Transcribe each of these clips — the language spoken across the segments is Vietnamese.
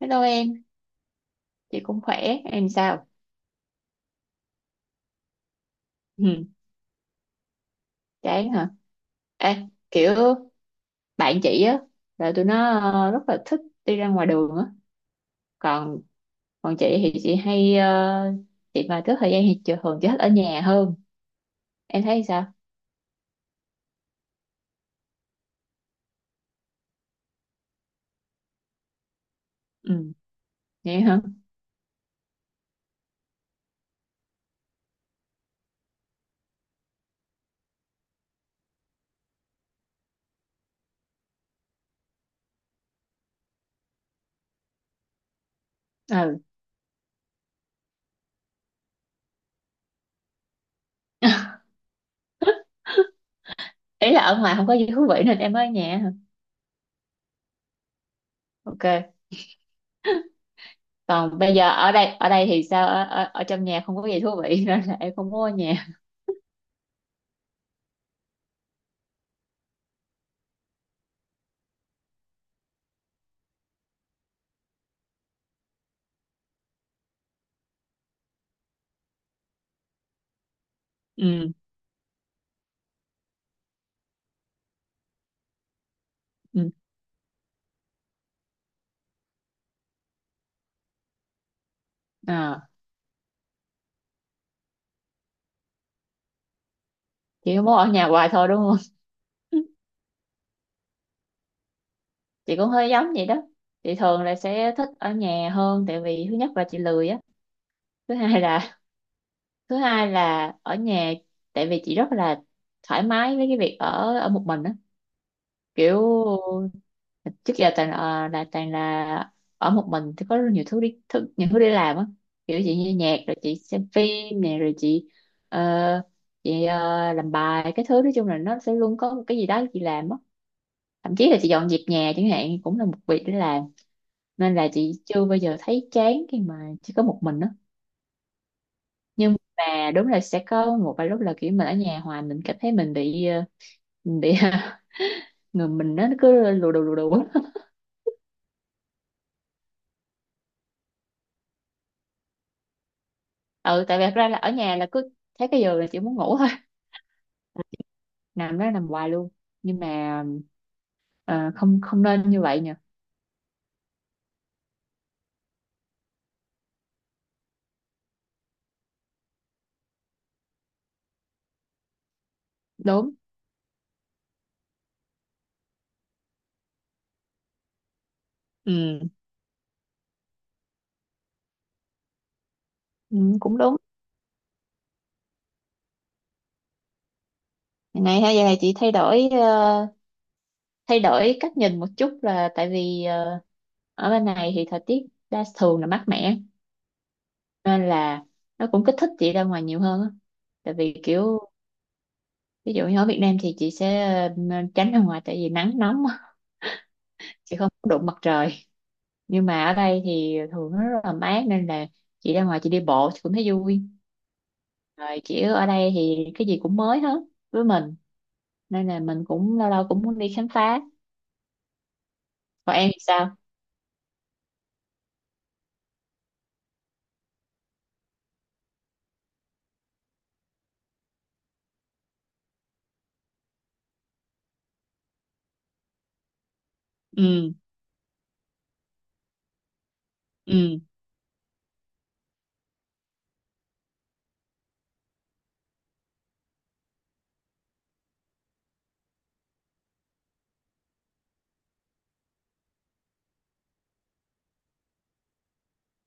Hello em, chị cũng khỏe, em sao? Ừ, chán hả? Ê, kiểu bạn chị á, là tụi nó rất là thích đi ra ngoài đường á. Còn còn chị thì chị hay, chị mà có thời gian thì chị thường thích ở nhà hơn. Em thấy sao? Ừ, vậy hả? Ừ. Ý là ở ngoài không có gì thú vị nên em ở nhà hả? Ok. Còn bây giờ ở đây thì sao? Ở trong nhà không có gì thú vị nên là em không muốn ở nhà. Ừ, ừ. À, chị không muốn ở nhà hoài thôi đúng không? Chị cũng hơi giống vậy đó, chị thường là sẽ thích ở nhà hơn tại vì thứ nhất là chị lười á, thứ hai là thứ hai là ở nhà, tại vì chị rất là thoải mái với cái việc ở ở một mình á. Kiểu trước giờ toàn là ở một mình thì có rất nhiều thứ để làm á. Kiểu chị nghe nhạc rồi chị xem phim nè rồi ờ, chị làm bài cái thứ, nói chung là nó sẽ luôn có một cái gì đó chị làm á. Thậm chí là chị dọn dẹp nhà chẳng hạn cũng là một việc để làm, nên là chị chưa bao giờ thấy chán khi mà chỉ có một mình đó. Nhưng mà đúng là sẽ có một vài lúc là kiểu mình ở nhà hoài mình cảm thấy mình bị người mình nó cứ lù đù á. Ừ, tại vì thật ra là ở nhà là cứ thấy cái giường là chị muốn ngủ thôi, nằm đó nằm hoài luôn. Nhưng mà ờ, không không nên như vậy nhỉ. Đúng. Ừ, ừ cũng đúng. Ngày nay ha, giờ này chị thay đổi cách nhìn một chút, là tại vì ở bên này thì thời tiết đa thường là mát mẻ nên là nó cũng kích thích chị ra ngoài nhiều hơn á. Tại vì kiểu ví dụ như ở Việt Nam thì chị sẽ tránh ra ngoài tại vì nắng nóng á, chị không có đụng mặt trời. Nhưng mà ở đây thì thường nó rất là mát nên là chị ra ngoài chị đi bộ chị cũng thấy vui, rồi kiểu ở đây thì cái gì cũng mới hết với mình, nên là mình cũng lâu lâu cũng muốn đi khám phá. Còn em thì sao? Ừ, ừ,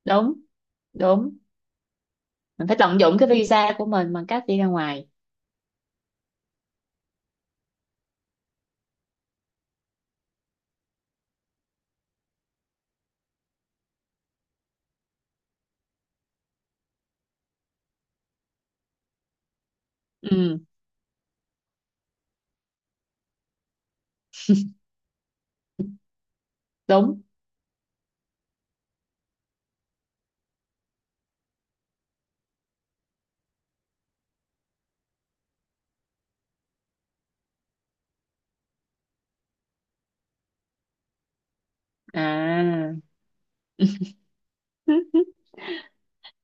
đúng, đúng. Mình phải tận dụng cái visa của mình bằng cách đi ra ngoài. Ừ, đúng à.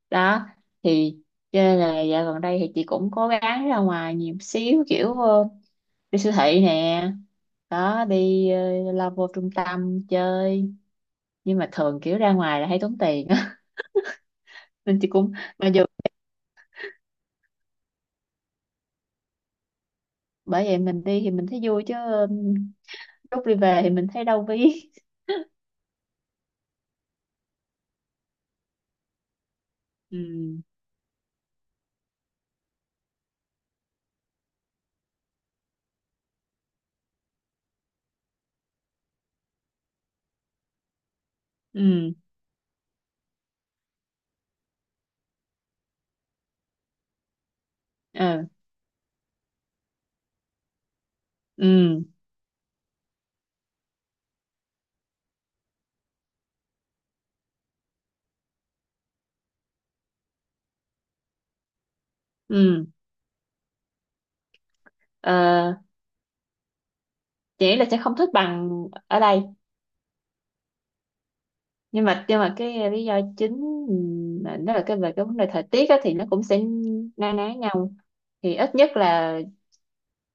Đó thì cho nên là dạo gần đây thì chị cũng cố gắng ra ngoài nhiều xíu, kiểu đi siêu thị nè, đó đi lao vô trung tâm chơi, nhưng mà thường kiểu ra ngoài là hay tốn tiền á. Nên chị cũng mà dù. Bởi vậy mình đi thì mình thấy vui chứ, lúc đi về thì mình thấy đau ví. Ừ, ừ, ờ, ừ, ừ. Ờ, chị nghĩ là sẽ không thích bằng ở đây, nhưng mà cái lý do chính, ừ, mà nó là cái về cái vấn đề thời tiết á, thì nó cũng sẽ na ná nhau, thì ít nhất là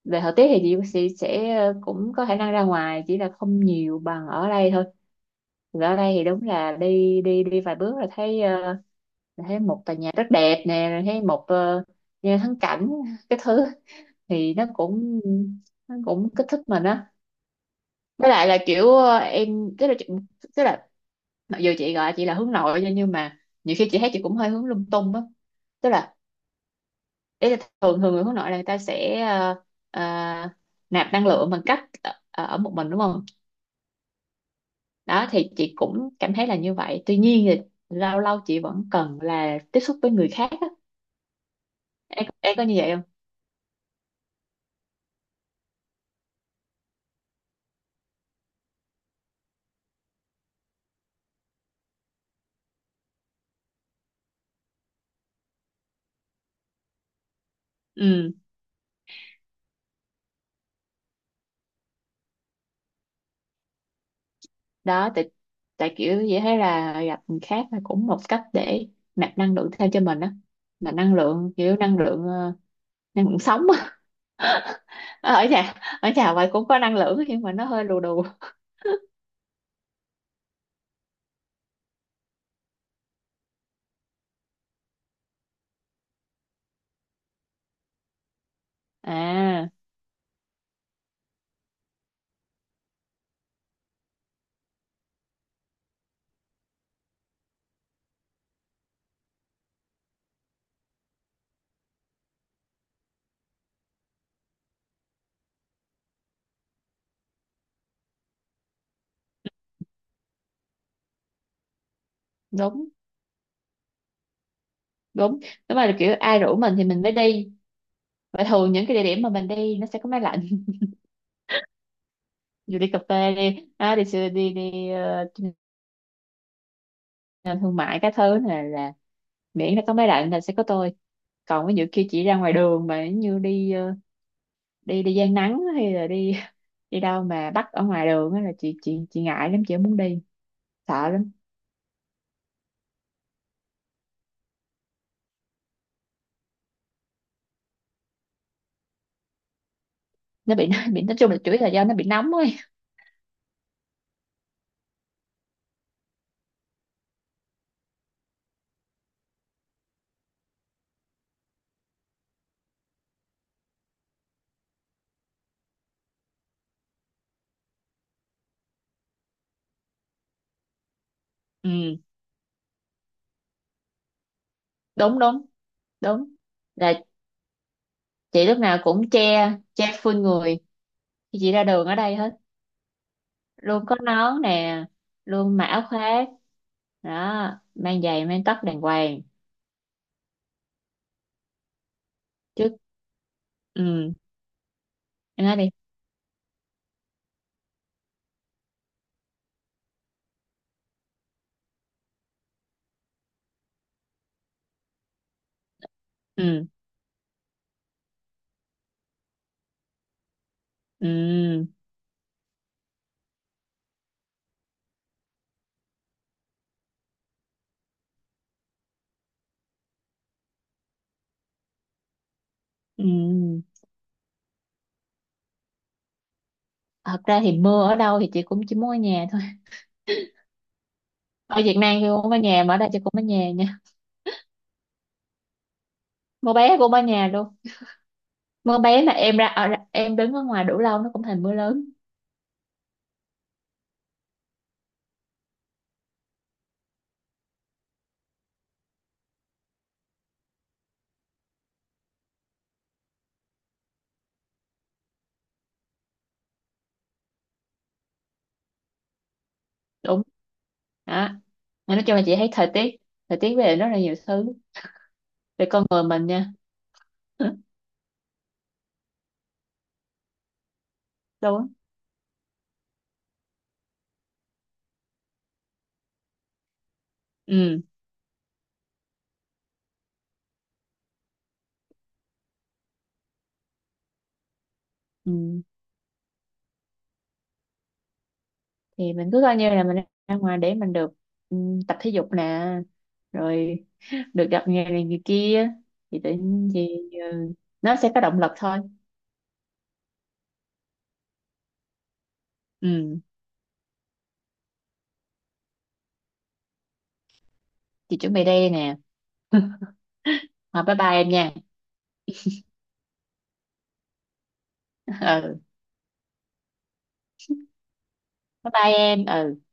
về thời tiết thì chị sẽ cũng có khả năng ra ngoài, chỉ là không nhiều bằng ở đây thôi. Vì ở đây thì đúng là đi đi đi vài bước là thấy là thấy một tòa nhà rất đẹp nè, rồi thấy một nhà thắng cảnh cái thứ, thì nó cũng kích thích mình á. Với lại là kiểu em tức là mặc dù chị gọi chị là hướng nội nha, nhưng mà nhiều khi chị thấy chị cũng hơi hướng lung tung á. Tức là ý là thường thường người hướng nội là người ta sẽ ờ, nạp năng lượng bằng cách ở một mình đúng không. Đó thì chị cũng cảm thấy là như vậy, tuy nhiên thì lâu lâu chị vẫn cần là tiếp xúc với người khác á. Em có như vậy không? Ừ, đó tại, kiểu chị thấy là gặp người khác là cũng một cách để nạp năng lượng thêm cho mình á, là năng lượng kiểu năng lượng, năng lượng sống. Ờ, ở nhà vậy cũng có năng lượng nhưng mà nó hơi lù đù. À, đúng, đúng. Đúng là kiểu ai rủ mình thì mình mới đi, và thường những cái địa điểm mà mình đi nó sẽ có máy lạnh. Dù đi cà phê đi à, đi đi nhà thương mại cái thứ này là, miễn nó có máy lạnh là sẽ có tôi. Còn ví dụ kia chỉ ra ngoài đường mà như đi đi đi gian nắng hay là đi đi đâu mà bắt ở ngoài đường á là chị ngại lắm, chị không muốn đi, sợ lắm. Nó bị nó bị nói chung là chủ yếu là do nó bị nóng ấy. Ừ, đúng, đúng. Đúng là chị lúc nào cũng che, full người khi chị ra đường ở đây hết, luôn có nón nè, luôn mặc áo khoác, đó mang giày mang tất đàng hoàng. Trước. Ừ, em nói đi. Ừ, ừ, ừ. Thật ra thì mưa ở đâu thì chị cũng chỉ muốn ở nhà thôi, ở Việt Nam thì cũng ở nhà mà ở đây chị cũng ở nhà nha, mưa bé cũng ở nhà luôn. Mưa bé mà em đứng ở ngoài đủ lâu nó cũng thành mưa lớn. Đúng, đó. Mà nói chung là chị thấy thời tiết, về rất là nhiều thứ, về con người mình nha. Đúng. Ừ, ừ. Thì mình cứ coi như là mình ra ngoài để mình được, ừ, tập thể dục nè, rồi được gặp người này người kia, thì tự nhiên thì, ừ, nó sẽ có động lực thôi. Ừ. Chị chuẩn bị đây nè. Rồi, bye bye em nha. Ừ. Bye bye em, ừ.